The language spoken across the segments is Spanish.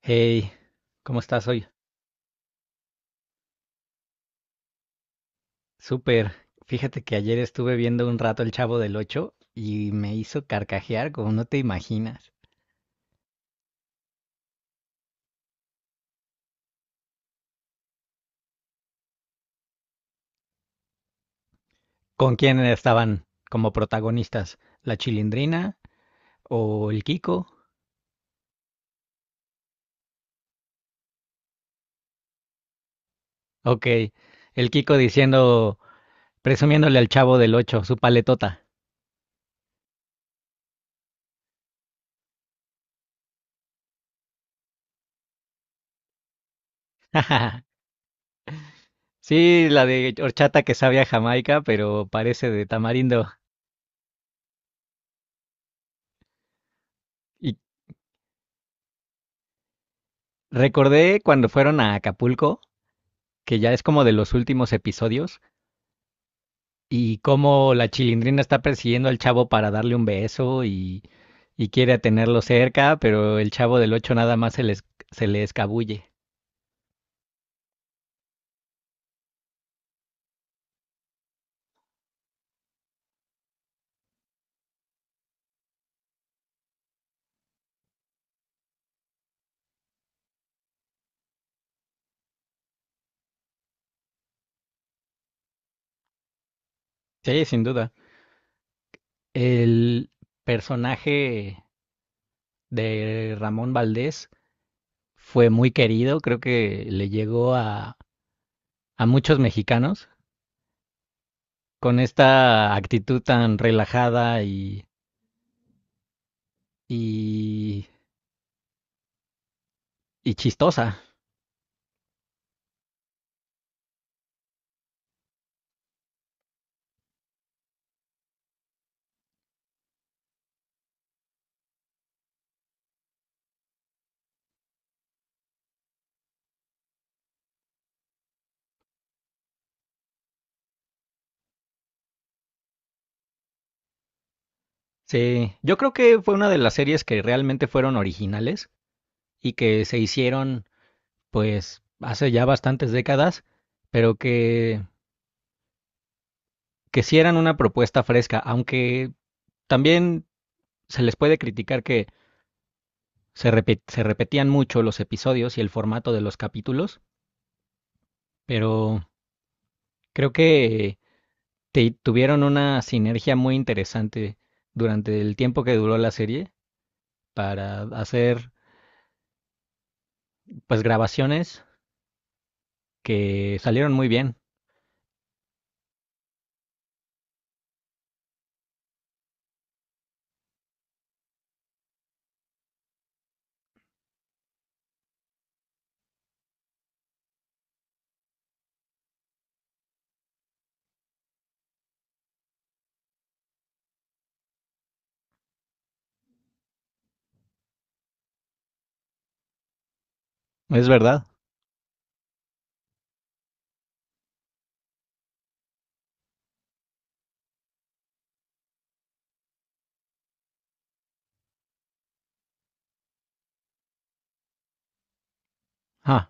Hey, ¿cómo estás hoy? Súper. Fíjate que ayer estuve viendo un rato El Chavo del Ocho y me hizo carcajear como no te imaginas. ¿Con quién estaban como protagonistas? ¿La Chilindrina o el Kiko? Ok, el Kiko diciendo, presumiéndole al Chavo del Ocho su paletota. Sí, la de horchata que sabe a Jamaica, pero parece de tamarindo. Y recordé cuando fueron a Acapulco, que ya es como de los últimos episodios y cómo la Chilindrina está persiguiendo al Chavo para darle un beso y, quiere tenerlo cerca, pero el Chavo del Ocho nada más se le escabulle. Sí, sin duda. El personaje de Ramón Valdés fue muy querido, creo que le llegó a muchos mexicanos con esta actitud tan relajada y, y chistosa. Sí, yo creo que fue una de las series que realmente fueron originales y que se hicieron pues hace ya bastantes décadas, pero que sí eran una propuesta fresca, aunque también se les puede criticar que se repetían mucho los episodios y el formato de los capítulos, pero creo que tuvieron una sinergia muy interesante durante el tiempo que duró la serie para hacer pues grabaciones que salieron muy bien. Es verdad. Ah,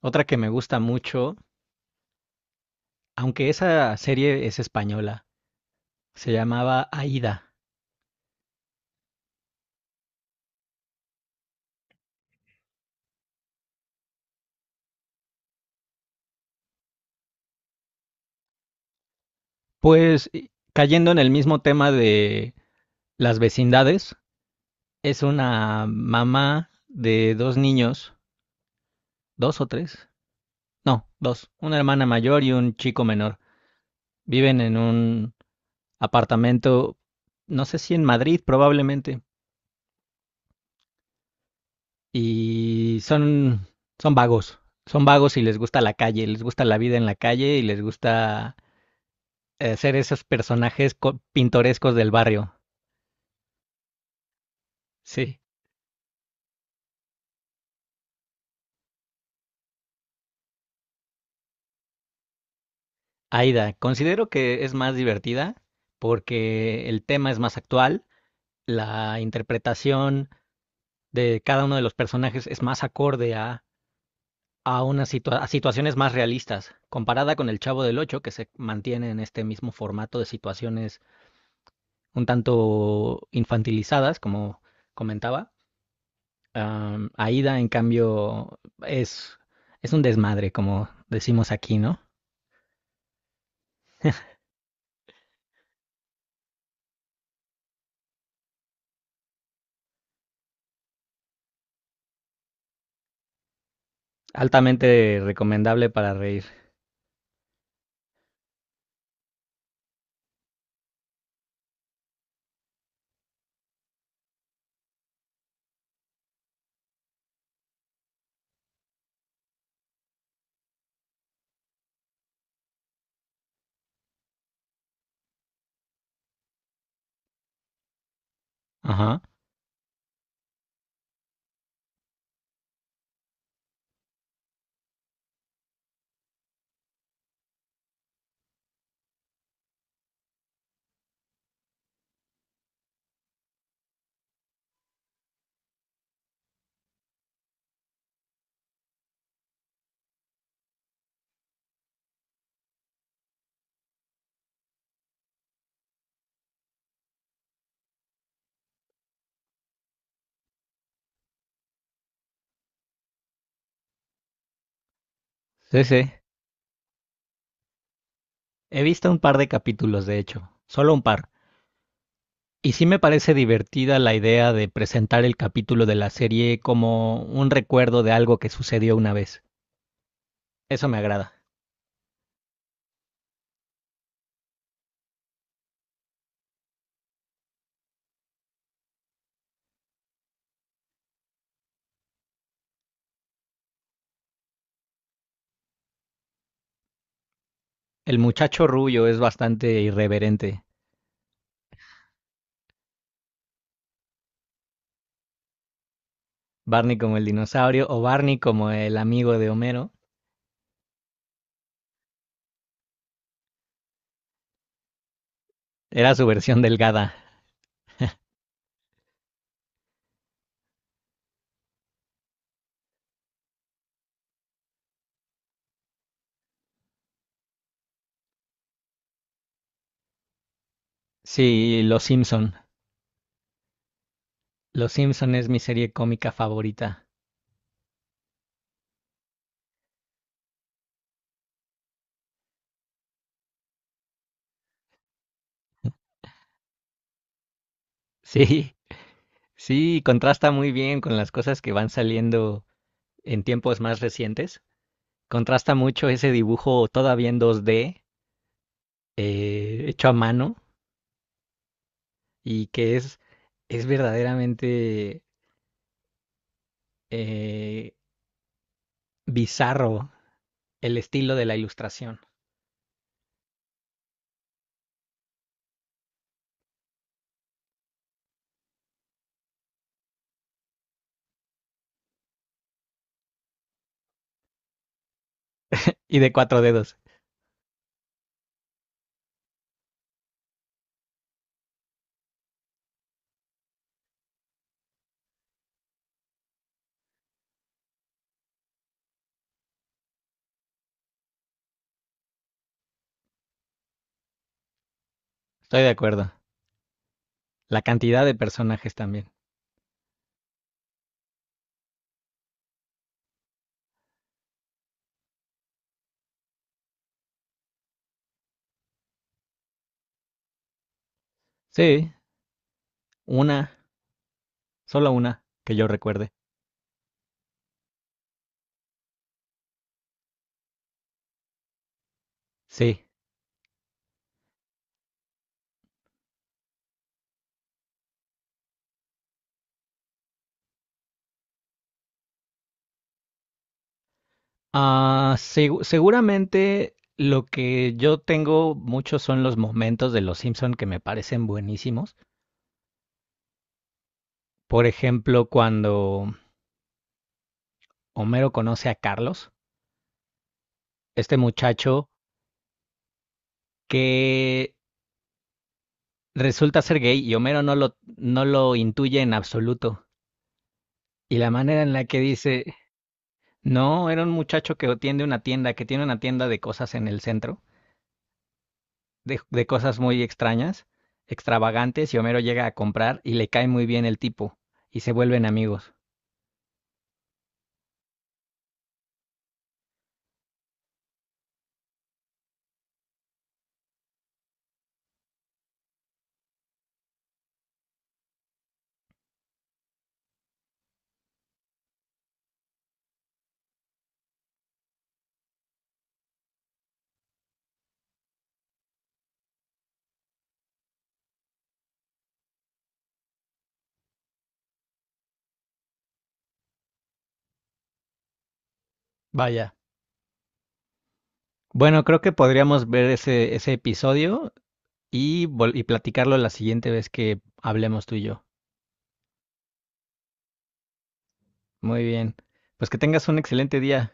otra que me gusta mucho, aunque esa serie es española, se llamaba Aída. Pues cayendo en el mismo tema de las vecindades, es una mamá de dos niños, dos o tres, no, dos, una hermana mayor y un chico menor. Viven en un apartamento, no sé, si en Madrid probablemente, y son, son vagos, son vagos y les gusta la calle, les gusta la vida en la calle y les gusta ser esos personajes pintorescos del barrio. Sí, Aida, considero que es más divertida porque el tema es más actual, la interpretación de cada uno de los personajes es más acorde unas a situaciones más realistas, comparada con El Chavo del Ocho, que se mantiene en este mismo formato de situaciones un tanto infantilizadas, como comentaba. Aida, en cambio, es, es un desmadre, como decimos aquí, ¿no? Altamente recomendable para reír. Ajá. Sí, sí. He visto un par de capítulos, de hecho, solo un par. Y sí me parece divertida la idea de presentar el capítulo de la serie como un recuerdo de algo que sucedió una vez. Eso me agrada. El muchacho rubio es bastante irreverente. Barney como el dinosaurio o Barney como el amigo de Homero. Era su versión delgada. Sí, Los Simpson. Los Simpson es mi serie cómica favorita. Sí, sí, contrasta muy bien con las cosas que van saliendo en tiempos más recientes. Contrasta mucho ese dibujo todavía en 2D, hecho a mano, y que es verdaderamente eh, bizarro el estilo de la ilustración. Y de cuatro dedos, estoy de acuerdo. La cantidad de personajes también. Sí, una, solo una, que yo recuerde. Sí. Ah, seguramente lo que yo tengo mucho son los momentos de Los Simpson que me parecen buenísimos. Por ejemplo, cuando Homero conoce a Carlos, este muchacho que resulta ser gay y Homero no lo intuye en absoluto. Y la manera en la que dice, no, era un muchacho que tiene una tienda, que tiene una tienda de cosas en el centro, de cosas muy extrañas, extravagantes, y Homero llega a comprar y le cae muy bien el tipo, y se vuelven amigos. Vaya. Bueno, creo que podríamos ver ese episodio y, y platicarlo la siguiente vez que hablemos tú y yo. Muy bien. Pues que tengas un excelente día.